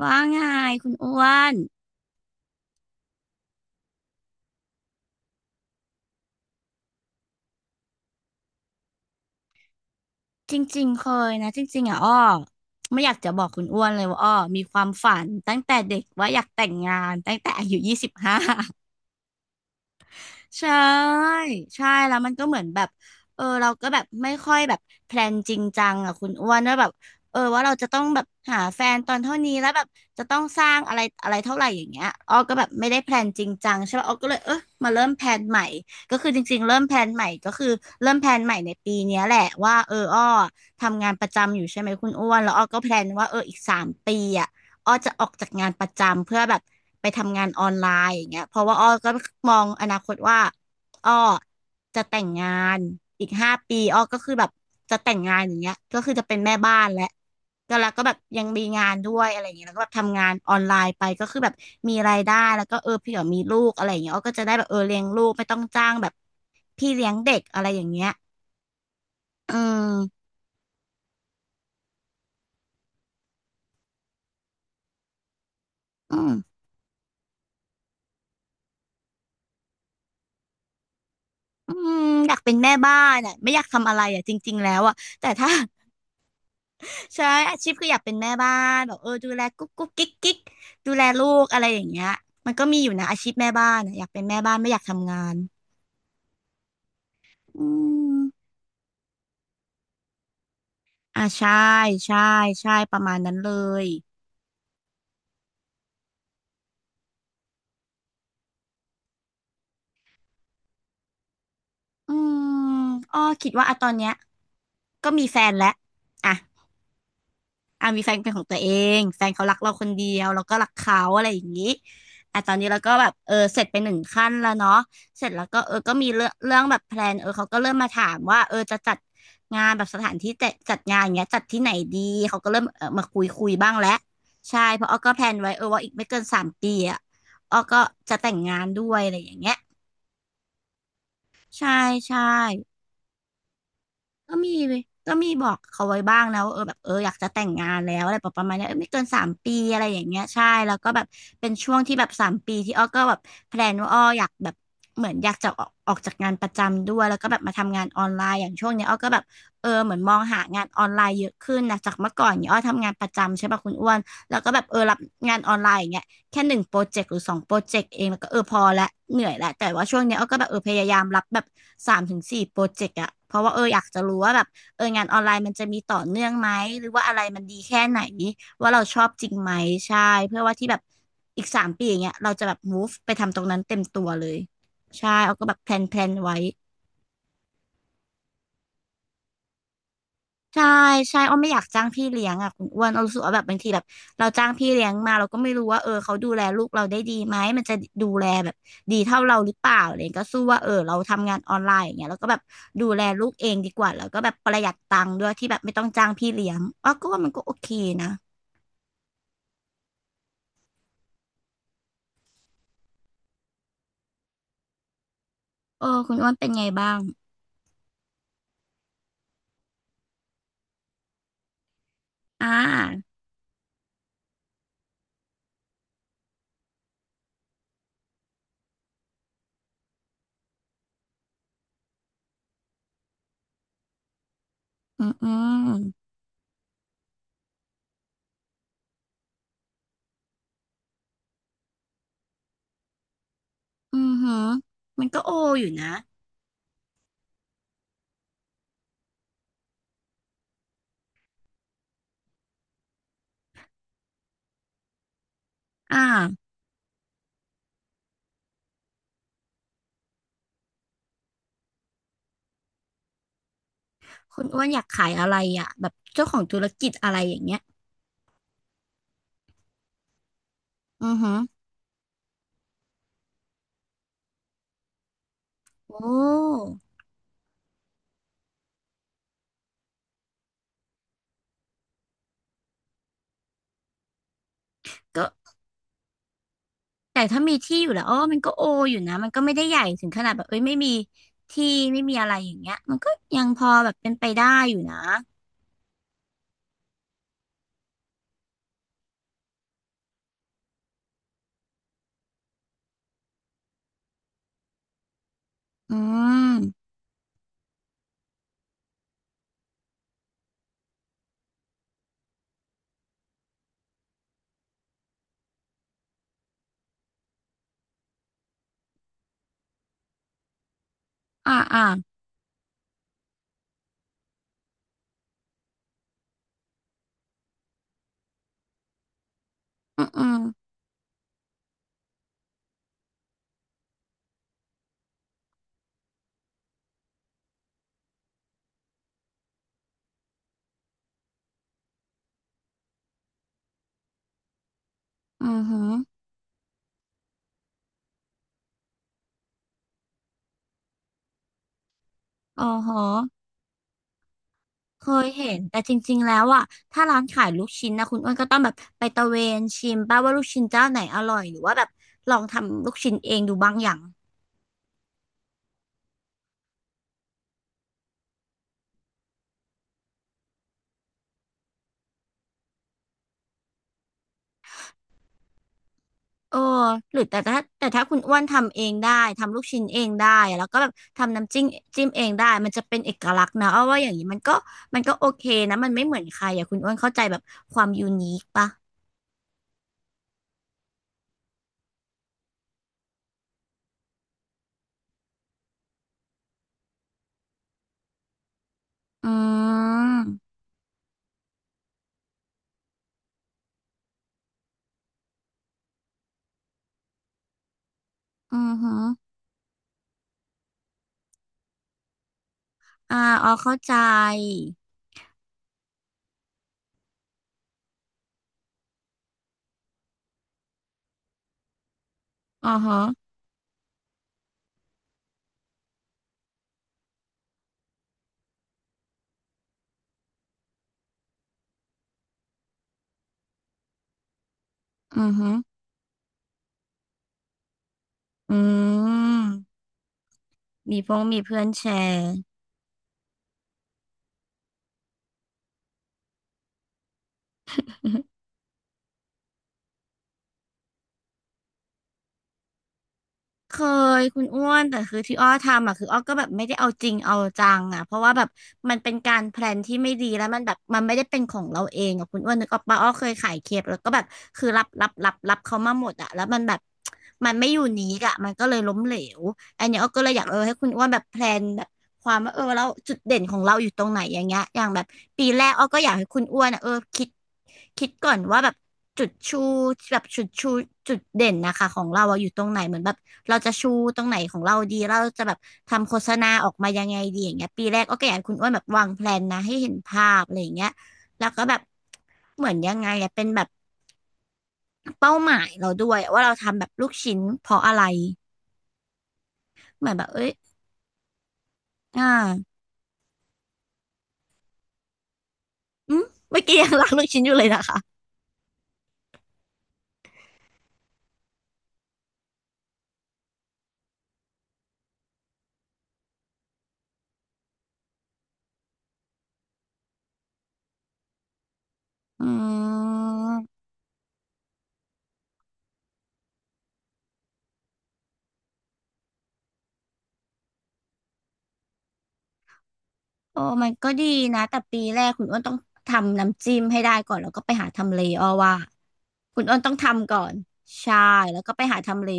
ว่าไงคุณอ้วนจริงๆเคยนะจริงๆอ่ะอ้อไม่อยากจะบอกคุณอ้วนเลยว่าอ้อมีความฝันตั้งแต่เด็กว่าอยากแต่งงานตั้งแต่อายุ25 ใช่ใช่แล้วมันก็เหมือนแบบเออเราก็แบบไม่ค่อยแบบแพลนจริงจังอ่ะคุณอ้วนว่าแบบเออว่าเราจะต้องแบบหาแฟนตอนเท่านี้แล้วแบบจะต้องสร้างอะไรอะไรเท่าไหร่อย่างเงี้ยอ้อก็แบบไม่ได้แพลนจริงจังใช่ป่ะอ้อก็เลยเออมาเริ่มแพลนใหม่ก็คือจริงๆเริ่มแพลนใหม่ก็คือเริ่มแพลนใหม่ในปีเนี้ยแหละว่าเอออ้อทำงานประจำอยู่ใช่ไหมคุณอ้วนแล้วอ้อก็แพลนว่าเอออีกสามปีอ่ะ อ้อจะออกจากงานประจำเพื่อแบบไปทำงานออนไลน์อย่างเงี้ยเพราะว่าอ้อก็มองอนาคตว่าอ้อจะแต่งงานอีก5 ปีอ้อก็คือแบบจะแต่งงานอย่างเงี้ยก็คือจะเป็นแม่บ้านและก็แล้วก็แบบยังมีงานด้วยอะไรอย่างเงี้ยแล้วก็แบบทำงานออนไลน์ไปก็คือแบบมีรายได้แล้วก็เออเผื่อมีลูกอะไรอย่างเงี้ยอ้อก็จะได้แบบเออเลี้ยงลูกไม่ต้องจ้างแบบพี่เลี้ยงเด็กอะไรอย่างเงี้ยอืมอืมอืมอยากเป็นแม่บ้านอ่ะไม่อยากทำอะไรอ่ะจริงๆแล้วอ่ะแต่ถ้า ใช่อาชีพคืออยากเป็นแม่บ้านแบบเออดูแลกุ๊กกุ๊กกิ๊กกิ๊กดูแลลูกอะไรอย่างเงี้ยมันก็มีอยู่นะอาชีพแม่บ้านอะอยากเป็นแม่บ้านไม่อยากทำงานอืมอ่าใช่ใช่ใช่ประมาณนั้นเลยอืมอ้อคิดว่าอะตอนเนี้ยก็มีแฟนแล้วอ่ะ อ่ะมีแฟนเป็นของตัวเองแฟนเขารักเราคนเดียวเราก็รักเขาอะไรอย่างนี้อ่ะตอนนี้เราก็แบบเออเสร็จไป1 ขั้นแล้วเนาะเสร็จแล้วก็เออก็มีเรื่องเรื่องแบบแพลนเออเขาก็เริ่มมาถามว่าเออจะจัดงานแบบสถานที่จัดงานอย่างเงี้ยจัดที่ไหนดีเขาก็เริ่มเออมาคุยคุยบ้างแล้วใช่เพราะอ้อก็แพลนไว้เออว่าอีกไม่เกินสามปีอ่ะอ้อก็จะแต่งงานด้วยอะไรอย่างเงี้ยใช่ใช่ ก็มีก็มีบอกเขาไว้บ้างนะว่าเออแบบเอออยากจะแต่งงานแล้วอะไรประมาณเนี้ยเออไม่เกินสามปีอะไรอย่างเงี้ยใช่แล้วก็แบบเป็นช่วงที่แบบสามปีที่อ้อก็แบบแพลนว่าอ้ออยากแบบเหมือนอยากจะออกจากงานประจำด้วยแล้วก็แบบมาทำงานออนไลน์อย่างช่วงเนี้ยอ้อก็แบบเออเหมือนมองหางานออนไลน์เยอะขึ้นนะจากเมื่อก่อนเนี่ยอ้อทำงานประจำใช่ป่ะคุณอ้วนแล้วก็แบบเออรับงานออนไลน์อย่างเงี้ย แค่1 โปรเจกต์หรือ2 โปรเจกต์เองแล้วก็เออพอละเหนื่อยละแต่ว่าช่วงเนี้ยเอาก็แบบเออพยายามรับแบบ3-4 โปรเจกต์อะเพราะว่าเอออยากจะรู้ว่าแบบเอองานออนไลน์มันจะมีต่อเนื่องไหมหรือว่าอะไรมันดีแค่ไหนว่าเราชอบจริงไหมใช่เพื่อว่าที่แบบอีกสามปีอย่างเงี้ยเราจะแบบ move ไปทำตรงนั้นเต็มตัวเลยใช่เอาก็แบบแพลนไว้ ใช่ใช่อ้อไม่อยากจ้างพี่เลี้ยงอ่ะคุณอ้วนอ้อรู้สึกว่าแบบบางทีแบบเราจ้างพี่เลี้ยงมาเราก็ไม่รู้ว่าเออเขาดูแลลูกเราได้ดีไหมมันจะดูแลแบบดีเท่าเราหรือเปล่าอะไรอย่างเลยก็สู้ว่าเออเราทำงานออนไลน์อย่างเงี้ยแล้วก็แบบดูแลลูกเองดีกว่าแล้วก็แบบประหยัดตังค์ด้วยที่แบบไม่ต้องจ้างพี่เลี้ยงอ้อก็ว่ามันก็โอเคนะเออคุณอ้วนเป็นไงบ้างอ่าอืมอืมอือหือมันก็โออยู่นะอ่าคุณอ้วนอยากขายอะไรอ่ะแบบเจ้าของธุรกิจอะไรอย่างเงี้ยอือหือโอ้ ก็แต่ถ้ามีที่อยู่แล้วอ๋อมันก็โออยู่นะมันก็ไม่ได้ใหญ่ถึงขนาดแบบเอ้ยไม่มีที่ไม่มีอะไรอย่างเงี้ยมันก็ยังพอแบบเป็นไปได้อยู่นะอืมอ่าอ่าอืมอืมอือหืออ๋อฮะเคยเห็นแต่จริงๆแล้วอ่ะถ้าร้านขายลูกชิ้นนะคุณอ้วนก็ต้องแบบไปตะเวนชิมป้าว่าลูกชิ้นเจ้าไหนอร่อยหรือว่าแบบลองทำลูกชิ้นเองดูบ้างอย่าง เออหรือแต่ถ้าคุณอ้วนทำเองได้ทำลูกชิ้นเองได้แล้วก็แบบทำน้ำจิ้มจิ้มเองได้มันจะเป็นเอกลักษณ์นะเอาว่าอย่างนี้มันก็โอเคนะมันไม่เหมือนใครอ่ะคุณอ้วนเข้าใจแบบความยูนิคปะ อืมอือฮึอ่าอ๋อเข้าใจอ๋อฮะอือฮึอืมมีพงมีเพื่อนแชร์ เคยคุณอ้วนแต่คือที่อ้อทำอ่ะคืออ้อก็แบบไม่ได้เอาจริงเอาจังอ่ะเพราะว่าแบบมันเป็นการแพลนที่ไม่ดีแล้วมันแบบมันไม่ได้เป็นของเราเองอ่ะคุณอ้วนนึกออกปะอ้อเคยขายเคปแล้วก็แบบคือรับเขามาหมดอ่ะแล้วมันแบบมันไม่อยู่นี้อ่ะมันก็เลยล้มเหลวอันเนี้ยอ้อก็เลยอยากเออให้คุณอ้วนแบบแพลนแบบความว่าเออแล้วจุดเด่นของเราอยู่ตรงไหนอย่างเงี้ยอย่างแบบปีแรกอ้อก็อยากให้คุณอ้วนอ่ะเออคิดก่อนว่าแบบ จุดชูแบบจุดชูจุดเด่นนะคะของเราอะอยู่ตรงไหนเหมือนแบบเราจะชูตรงไหนของเราดีเราจะแบบทำโฆษณาออกมายังไงดีอย่างเงี้ยปีแรกก็อยากให้คุณอ้วนแบบวางแพลนนะให้เห็นภาพอะไรอย่างเงี้ยแล้วก็แบบเหมือนยังไงอะเป็นแบบเป้าหมายเราด้วยว่าเราทำแบบลูกชิ้นเพราะอะไรเหมือนแบบเอ้ยอ่าอืมเมื่อกี้ยังรักลูกชิ้นอยู่เลยนะคะอืม โอ้มันก็ดีนะแต่ปีแรกคุณอ้นต้องทำน้ำจิ้มให้ได้ก่อนแล้วก็ไปหาทำเลอ้อว่าคุณอ้นต้องทำก่อนใช่แล้วก็ไปหาทำเล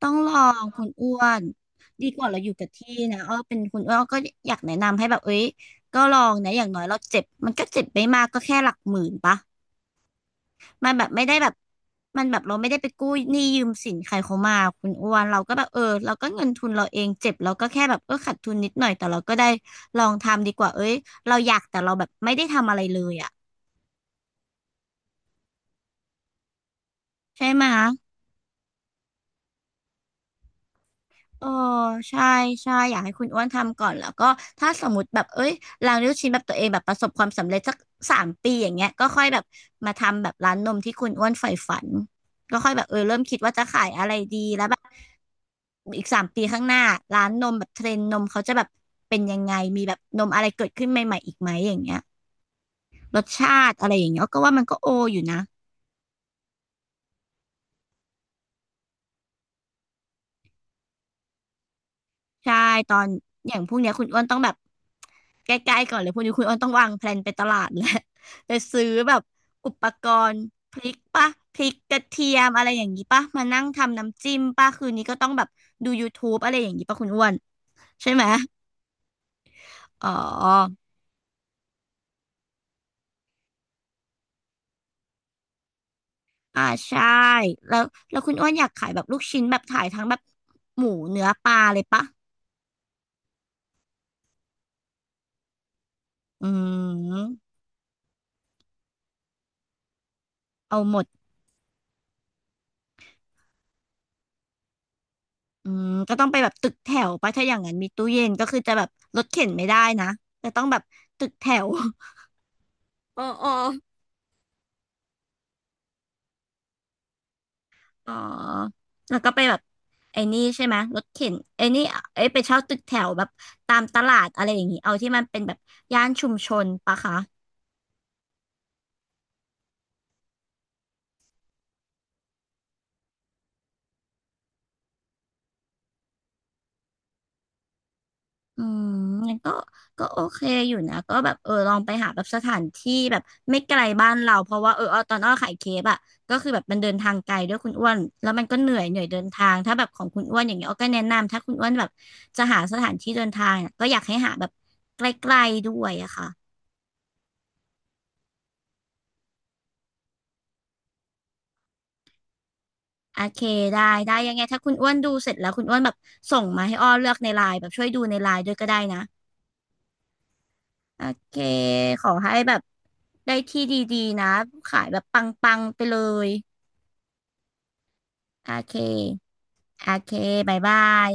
ต้องลองคุณอ้วนดีกว่าเราอยู่กับที่นะอ้อเป็นคุณอ้วนก็อยากแนะนำให้แบบเอ้ยก็ลองนะอย่างน้อยเราเจ็บมันก็เจ็บไม่มากก็แค่หลักหมื่นปะ มันแบบไม่ได้แบบมันแบบเราไม่ได้ไปกู้หนี้ยืมสินใครเขามาคุณอ้วนเราก็แบบเออเราก็เงินทุนเราเองเจ็บเราก็แค่แบบเออขาดทุนนิดหน่อยแต่เราก็ได้ลองทำดีกว่าเอ้ยเราอยากแต่เราแบบไม่ได้ทำอะไรเลยอ่ะใช่ไหมะ เออใช่ใช่อยากให้คุณอ้วนทำก่อนแล้วก็ถ้าสมมติแบบเอ้ยร้านลูกชิ้นแบบตัวเองแบบประสบความสำเร็จสักสามปีอย่างเงี้ยก็ค่อยแบบมาทำแบบร้านนมที่คุณอ้วนใฝ่ฝันก็ค่อยแบบเออเริ่มคิดว่าจะขายอะไรดีแล้วแบบอีกสามปีข้างหน้าร้านนมแบบเทรนด์นมเขาจะแบบเป็นยังไงมีแบบนมอะไรเกิดขึ้นใหม่ๆอีกไหมอย่างเงี้ยรสชาติอะไรอย่างเงี้ยก็ว่ามันก็โออยู่นะ ใช่ตอนอย่างพวกเนี้ยคุณอ้วนต้องแบบใกล้ๆก่อนเลยพวกนี้คุณอ้วนต้องวางแพลนไปตลาดแล้ว ไปซื้อแบบอุปกรณ์พริกปะพริกกระเทียมอะไรอย่างงี้ปะมานั่งทำน้ำจิ้มปะคืนนี้ก็ต้องแบบดู YouTube อะไรอย่างงี้ปะคุณอ้วนใช่ไหมอ๋ออ่าใช่แล้วแล้วคุณอ้วนอยากขายแบบลูกชิ้นแบบขายทั้งแบบหมูเนื้อปลาเลยปะอืมเอาหมด อืมก็ต้องไปแบบตึกแถวปะถ้าอย่างนั้นมีตู้เย็นก็คือจะแบบรถเข็นไม่ได้นะจะต้องแบบตึกแถว อ๋ออ๋ออ๋อแล้วก็ไปแบบไอ้นี่ใช่ไหมรถเข็นไอ้นี่เอ้ยไปเช่าตึกแถวแบบตามตลาดอะไรอย่างงี้เอาที่มันเป็นแบบย่านชุมชนปะคะ อืมงั้นก็ก็โอเคอยู่นะก็แบบเออลองไปหาแบบสถานที่แบบไม่ไกลบ้านเราเพราะว่าเออเอาตอนอ้อขายเคปอะก็คือแบบมันเดินทางไกลด้วยคุณอ้วนแล้วมันก็เหนื่อยเดินทางถ้าแบบของคุณอ้วนอย่างเงี้ยอ้อก็แนะนำถ้าคุณอ้วนแบบจะหาสถานที่เดินทางอะก็อยากให้หาแบบใกล้ๆด้วยอะค่ะโอเคได้ได้ยังไงถ้าคุณอ้วนดูเสร็จแล้วคุณอ้วนแบบส่งมาให้อ้อเลือกในไลน์แบบช่วยดูในไลน์ด้วยก็ได้นะโอเคขอให้แบบได้ที่ดีๆนะขายแบบปังๆไปเลย โอเค โอเค บายบาย